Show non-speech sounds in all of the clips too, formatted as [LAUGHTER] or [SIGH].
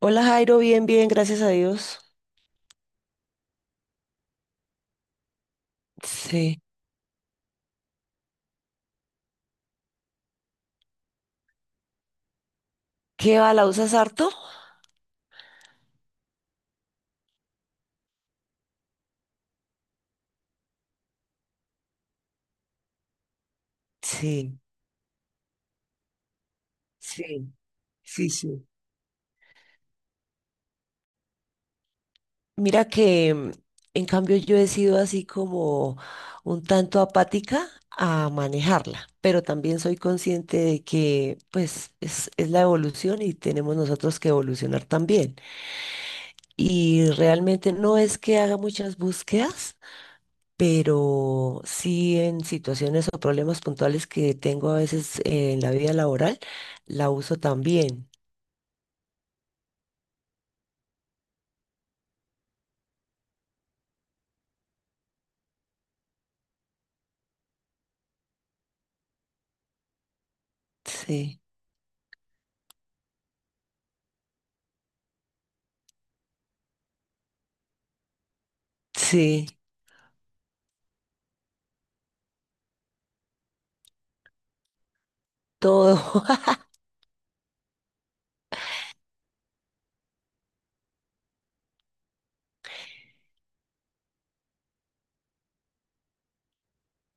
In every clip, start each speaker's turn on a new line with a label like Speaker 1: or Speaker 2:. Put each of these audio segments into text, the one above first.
Speaker 1: Hola Jairo, bien, bien, gracias a Dios. Sí. ¿Qué va? ¿La usas harto? Sí, sí, sí, sí. Mira que en cambio yo he sido así como un tanto apática a manejarla, pero también soy consciente de que pues es la evolución y tenemos nosotros que evolucionar también. Y realmente no es que haga muchas búsquedas, pero sí en situaciones o problemas puntuales que tengo a veces en la vida laboral, la uso también. Sí, sí, todo. [LAUGHS]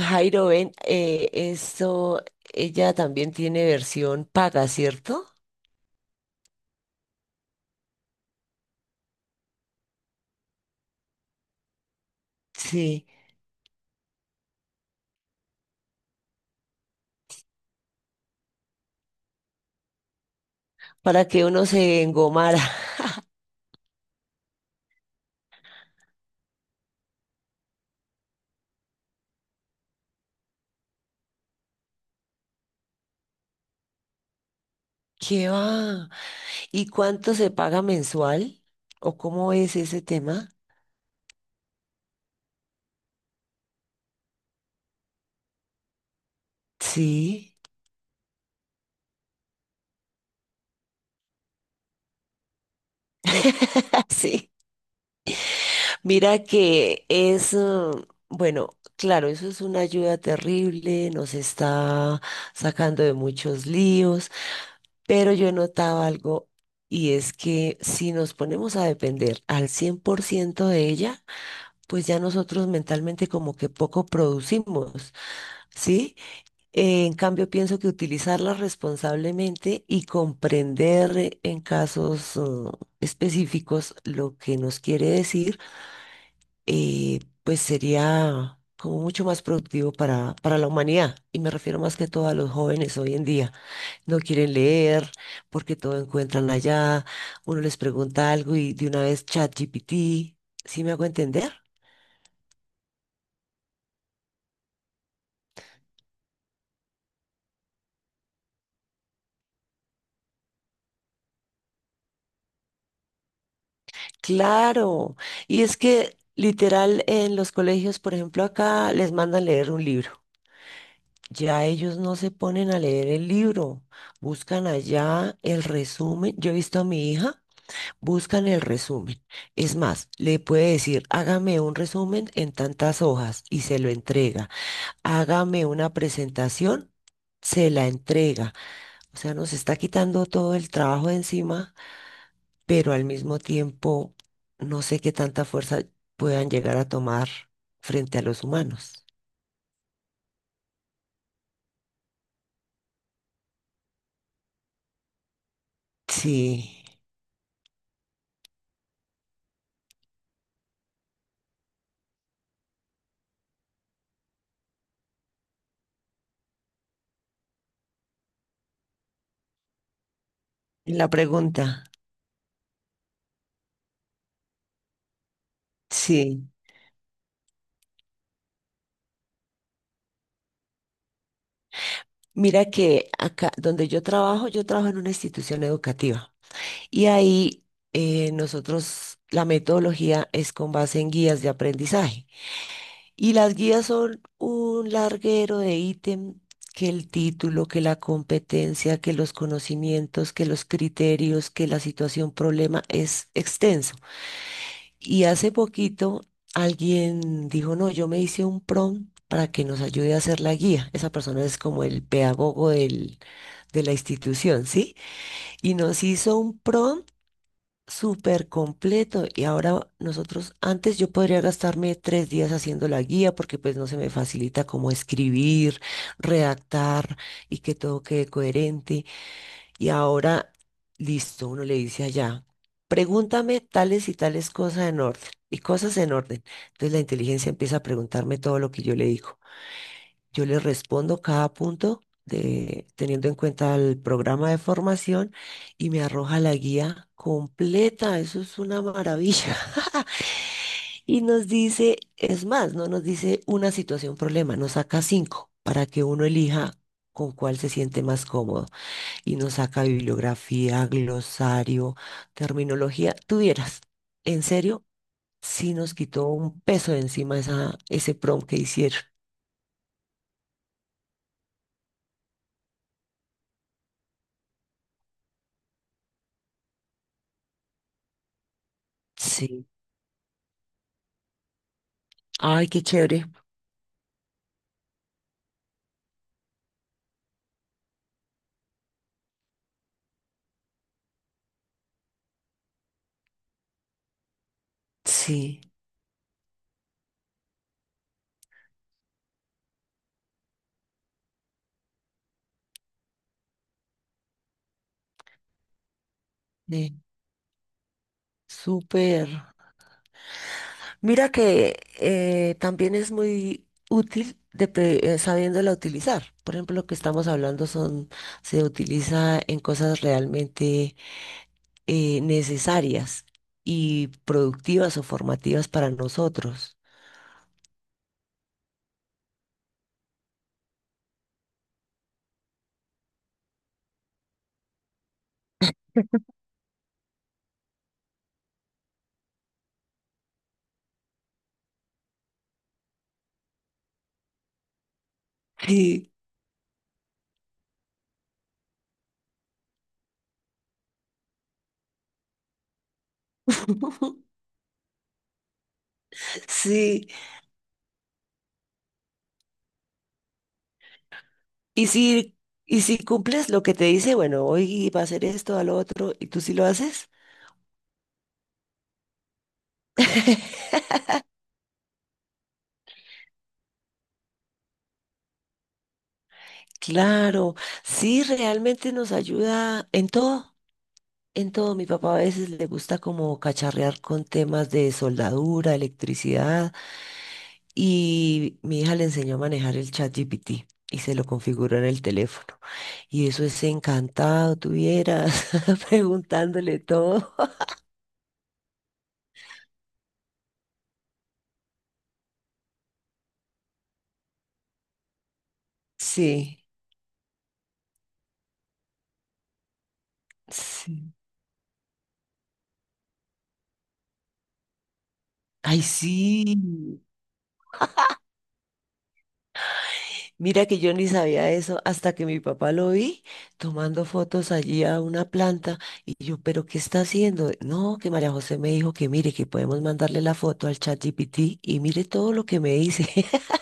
Speaker 1: Jairo, ven, eso, ella también tiene versión paga, ¿cierto? Sí, para que uno se engomara. [LAUGHS] ¿Qué va? ¿Y cuánto se paga mensual? ¿O cómo es ese tema? Sí, [LAUGHS] sí. Mira que bueno, claro, eso es una ayuda terrible, nos está sacando de muchos líos, pero yo notaba algo y es que si nos ponemos a depender al 100% de ella, pues ya nosotros mentalmente como que poco producimos, ¿sí? En cambio, pienso que utilizarla responsablemente y comprender en casos, específicos lo que nos quiere decir, pues sería como mucho más productivo para la humanidad. Y me refiero más que todo a los jóvenes hoy en día. No quieren leer porque todo encuentran allá. Uno les pregunta algo y de una vez ChatGPT. ¿Sí me hago entender? Claro. Y es que literal en los colegios, por ejemplo, acá les mandan leer un libro. Ya ellos no se ponen a leer el libro, buscan allá el resumen. Yo he visto a mi hija. Buscan el resumen. Es más, le puede decir, hágame un resumen en tantas hojas y se lo entrega. Hágame una presentación, se la entrega. O sea, nos está quitando todo el trabajo de encima, pero al mismo tiempo no sé qué tanta fuerza puedan llegar a tomar frente a los humanos. Sí, la pregunta. Sí. Mira que acá donde yo trabajo en una institución educativa. Y ahí nosotros, la metodología es con base en guías de aprendizaje. Y las guías son un larguero de ítem, que el título, que la competencia, que los conocimientos, que los criterios, que la situación problema es extenso. Y hace poquito alguien dijo, no, yo me hice un prompt para que nos ayude a hacer la guía. Esa persona es como de la institución, ¿sí? Y nos hizo un prompt súper completo y ahora nosotros, antes yo podría gastarme tres días haciendo la guía porque pues no se me facilita como escribir, redactar y que todo quede coherente y ahora listo, uno le dice allá, pregúntame tales y tales cosas en orden y cosas en orden. Entonces la inteligencia empieza a preguntarme todo lo que yo le digo. Yo les respondo cada punto de, teniendo en cuenta el programa de formación y me arroja la guía completa. Eso es una maravilla. [LAUGHS] Y nos dice, es más, no nos dice una situación, problema, nos saca cinco para que uno elija con cuál se siente más cómodo. Y nos saca bibliografía, glosario, terminología. Tuvieras, en serio, sí nos quitó un peso de encima esa, ese prompt que hicieron. Sí. Ay, qué chévere. Sí. Sí, súper. Mira que también es muy útil de sabiéndola utilizar. Por ejemplo, lo que estamos hablando son, se utiliza en cosas realmente necesarias y productivas o formativas para nosotros. Sí, [LAUGHS] sí. Y si, y si cumples lo que te dice, bueno, hoy va a hacer esto, al otro, y tú sí lo haces. Claro, sí, realmente nos ayuda en todo. En todo, mi papá a veces le gusta como cacharrear con temas de soldadura, electricidad, y mi hija le enseñó a manejar el ChatGPT y se lo configuró en el teléfono. Y eso es encantado, tuvieras [LAUGHS] preguntándole todo. Sí, sí. Ay, sí. Mira que yo ni sabía eso hasta que mi papá lo vi tomando fotos allí a una planta y yo, pero ¿qué está haciendo? No, que María José me dijo que mire, que podemos mandarle la foto al chat GPT y mire todo lo que me dice. [LAUGHS]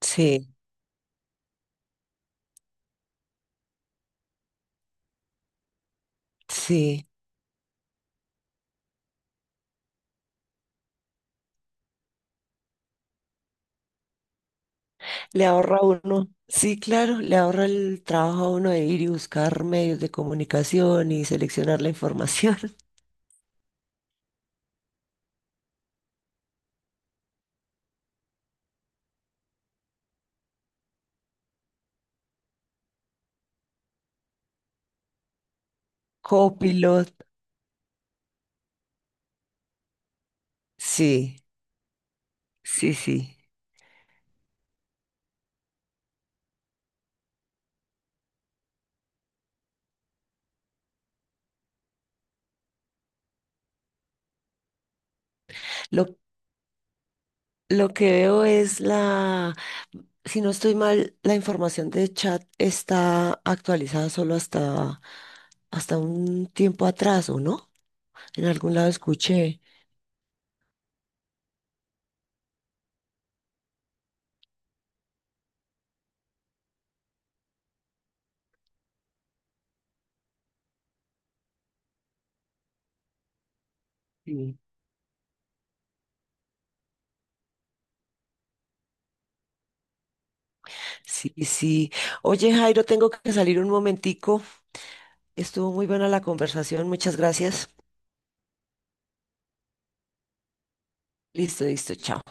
Speaker 1: Sí, sí, le ahorra a uno. Sí, claro, le ahorra el trabajo a uno de ir y buscar medios de comunicación y seleccionar la información. [LAUGHS] Copilot, sí, sí, sí. Lo Lo que veo es la, si no estoy mal, la información de chat está actualizada solo hasta, hasta un tiempo atrás, ¿o no? En algún lado escuché. Sí. Sí, sí. Oye, Jairo, tengo que salir un momentico. Estuvo muy buena la conversación. Muchas gracias. Listo, listo, chao.